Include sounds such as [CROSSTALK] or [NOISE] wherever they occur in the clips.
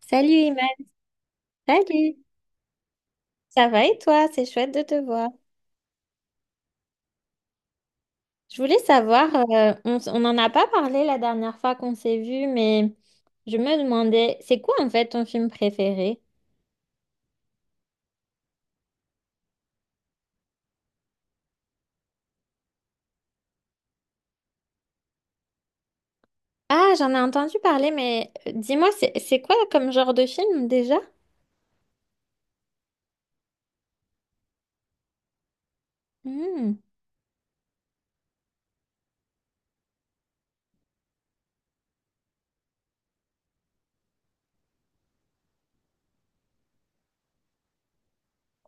Salut Imad, salut. Ça va et toi? C'est chouette de te voir. Je voulais savoir, on, on n'en a pas parlé la dernière fois qu'on s'est vu, mais je me demandais, c'est quoi en fait ton film préféré? Ah, j'en ai entendu parler, mais dis-moi, c'est quoi comme genre de film déjà? Hmm,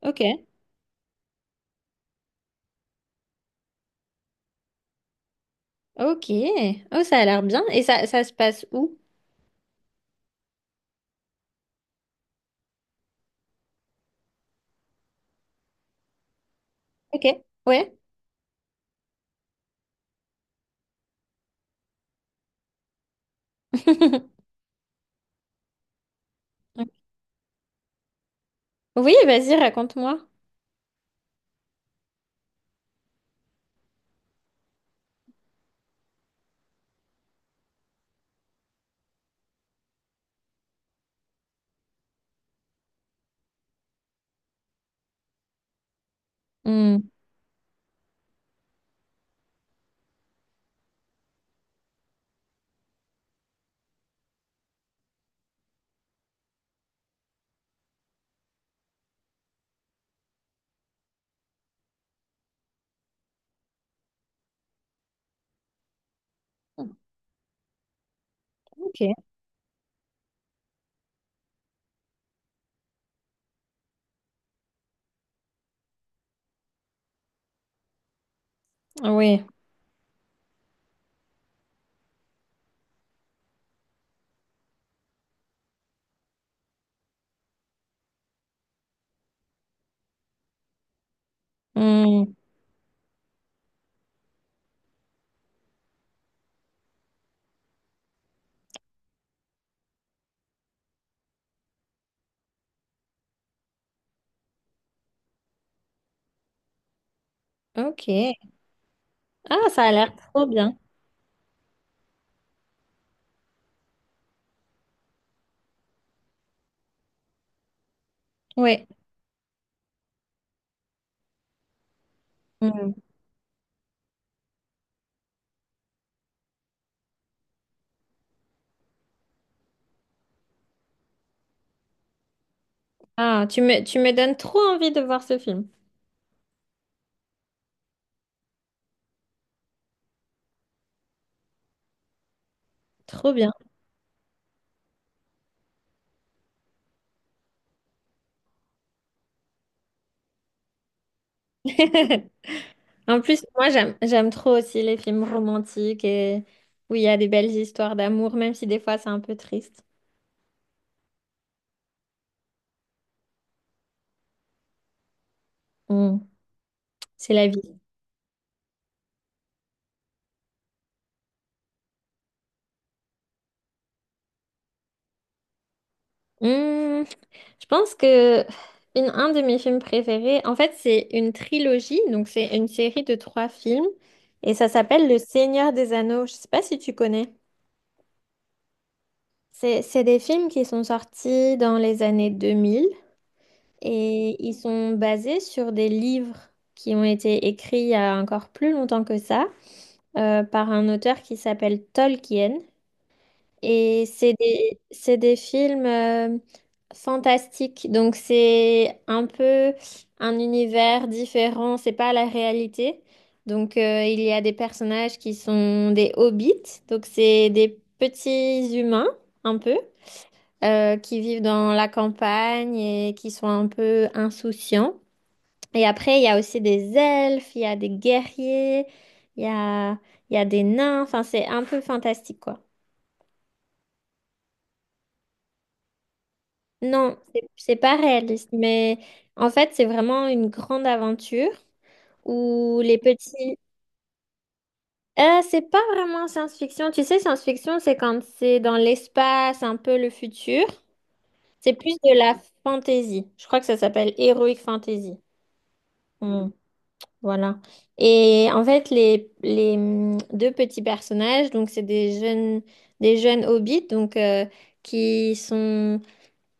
ok, ok. Oh, ça a l'air bien. Et ça se passe où? Ok, ouais. [LAUGHS] Oui, vas-y, raconte-moi. Hmm, ok, oui. Hmm, ok. Ah, ça a l'air trop bien. Ouais. Mm. Ah, tu me donnes trop envie de voir ce film. Trop bien. [LAUGHS] En plus, moi, j'aime trop aussi les films romantiques et où il y a des belles histoires d'amour, même si des fois c'est un peu triste. Mm. C'est la vie. Mm. Je pense que un de mes films préférés, en fait, c'est une trilogie, donc c'est une série de trois films et ça s'appelle Le Seigneur des Anneaux. Je sais pas si tu connais. C'est des films qui sont sortis dans les années 2000. Et ils sont basés sur des livres qui ont été écrits il y a encore plus longtemps que ça, par un auteur qui s'appelle Tolkien. Et c'est des films fantastiques. Donc c'est un peu un univers différent, c'est pas la réalité. Donc il y a des personnages qui sont des hobbits. Donc c'est des petits humains, un peu, qui vivent dans la campagne et qui sont un peu insouciants. Et après, il y a aussi des elfes, il y a des guerriers, il y a, il y a des nains. Enfin, c'est un peu fantastique, quoi. Non, c'est pas réaliste, mais en fait, c'est vraiment une grande aventure où les petits... c'est pas vraiment science-fiction. Tu sais, science-fiction, c'est quand c'est dans l'espace, un peu le futur. C'est plus de la fantasy. Je crois que ça s'appelle heroic fantasy. Hmm. Voilà. Et en fait, les deux petits personnages, donc c'est des jeunes hobbits, donc qui sont,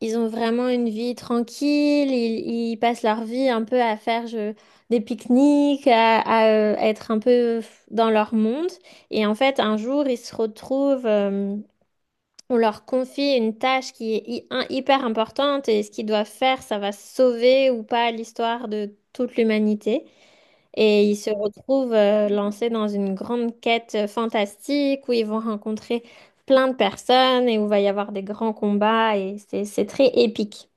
ils ont vraiment une vie tranquille. Ils passent leur vie un peu à faire des pique-niques, à, être un peu dans leur monde. Et en fait, un jour, ils se retrouvent. On leur confie une tâche qui est hyper importante et ce qu'ils doivent faire, ça va sauver ou pas l'histoire de toute l'humanité. Et ils se retrouvent lancés dans une grande quête fantastique où ils vont rencontrer plein de personnes et où va y avoir des grands combats et c'est très épique.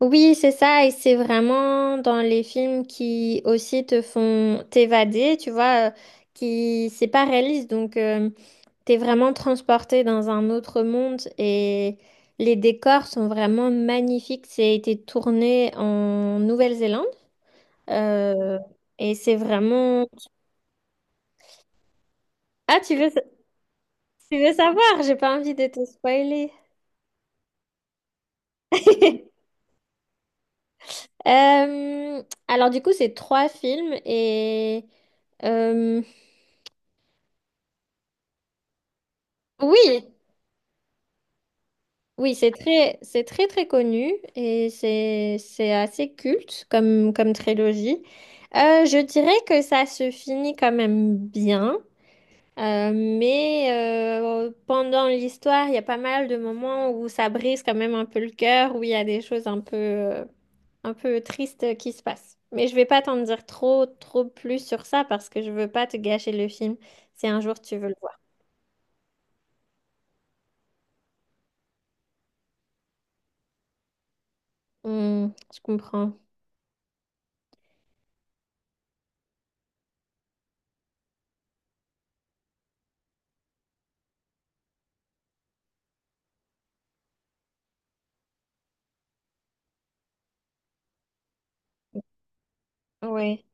Oui, c'est ça, et c'est vraiment dans les films qui aussi te font t'évader, tu vois, qui c'est pas réaliste, donc t'es vraiment transporté dans un autre monde et les décors sont vraiment magnifiques. C'est été tourné en Nouvelle-Zélande euh, et c'est vraiment... Ah, tu veux, tu veux savoir? J'ai pas envie de te spoiler. [LAUGHS] Alors du coup, c'est trois films et... euh, oui, oui, c'est c'est très très connu et c'est assez culte comme trilogie. Je dirais que ça se finit quand même bien, mais pendant l'histoire, il y a pas mal de moments où ça brise quand même un peu le cœur, où il y a des choses un peu tristes qui se passent. Mais je vais pas t'en dire trop trop plus sur ça parce que je veux pas te gâcher le film si un jour tu veux le voir. Hmm, je comprends. Ouais.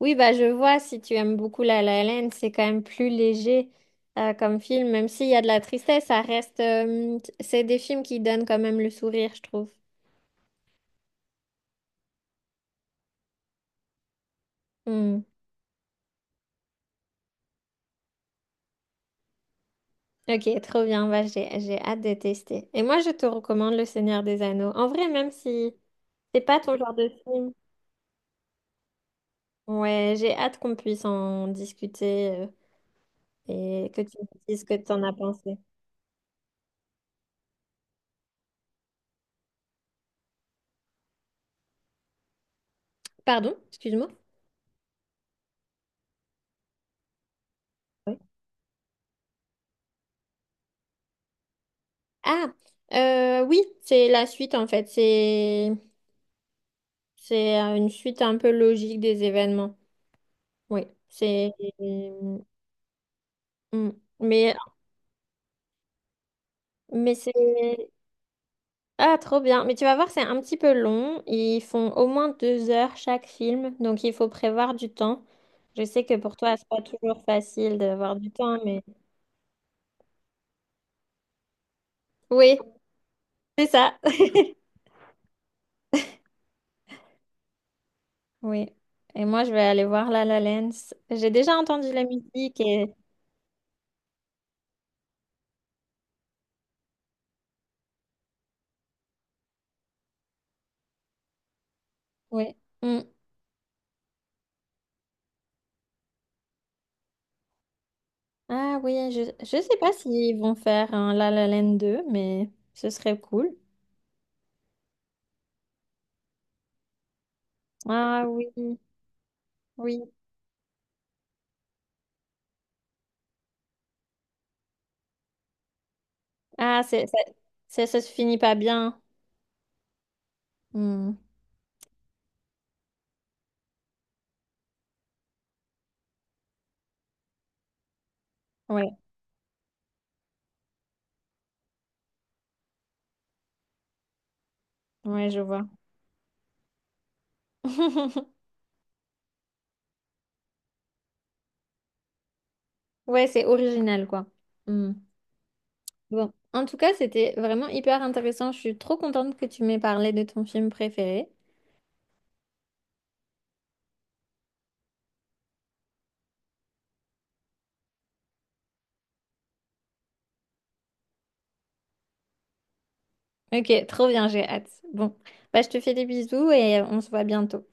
Oui, bah, je vois, si tu aimes beaucoup La La Land, c'est quand même plus léger comme film, même s'il y a de la tristesse, ça reste... c'est des films qui donnent quand même le sourire, je trouve. Hmm. Ok, trop bien, bah, j'ai hâte de tester. Et moi, je te recommande Le Seigneur des Anneaux. En vrai, même si c'est pas ton genre de film, ouais, j'ai hâte qu'on puisse en discuter et que tu me dises ce que tu en as pensé. Pardon, excuse-moi. Oui. Ah, oui, c'est la suite en fait. C'est une suite un peu logique des événements. Oui, c'est... Mm. Mais, mais c'est... Ah, trop bien. Mais tu vas voir, c'est un petit peu long. Ils font au moins 2 heures chaque film, donc il faut prévoir du temps. Je sais que pour toi, c'est pas toujours facile d'avoir du temps, mais... Oui, c'est ça. [LAUGHS] Oui. Et moi, je vais aller voir La La Land. J'ai déjà entendu la musique et... Oui. Mm. Ah oui, je sais pas s'ils vont faire un La La Land 2 mais ce serait cool. Ah oui, oui. Ah, ça se finit pas bien. Hmm. Ouais, ouais, je vois. [LAUGHS] Ouais, c'est original, quoi. Hmm. Bon, en tout cas, c'était vraiment hyper intéressant. Je suis trop contente que tu m'aies parlé de ton film préféré. Ok, trop bien, j'ai hâte. Bon, bah, je te fais des bisous et on se voit bientôt.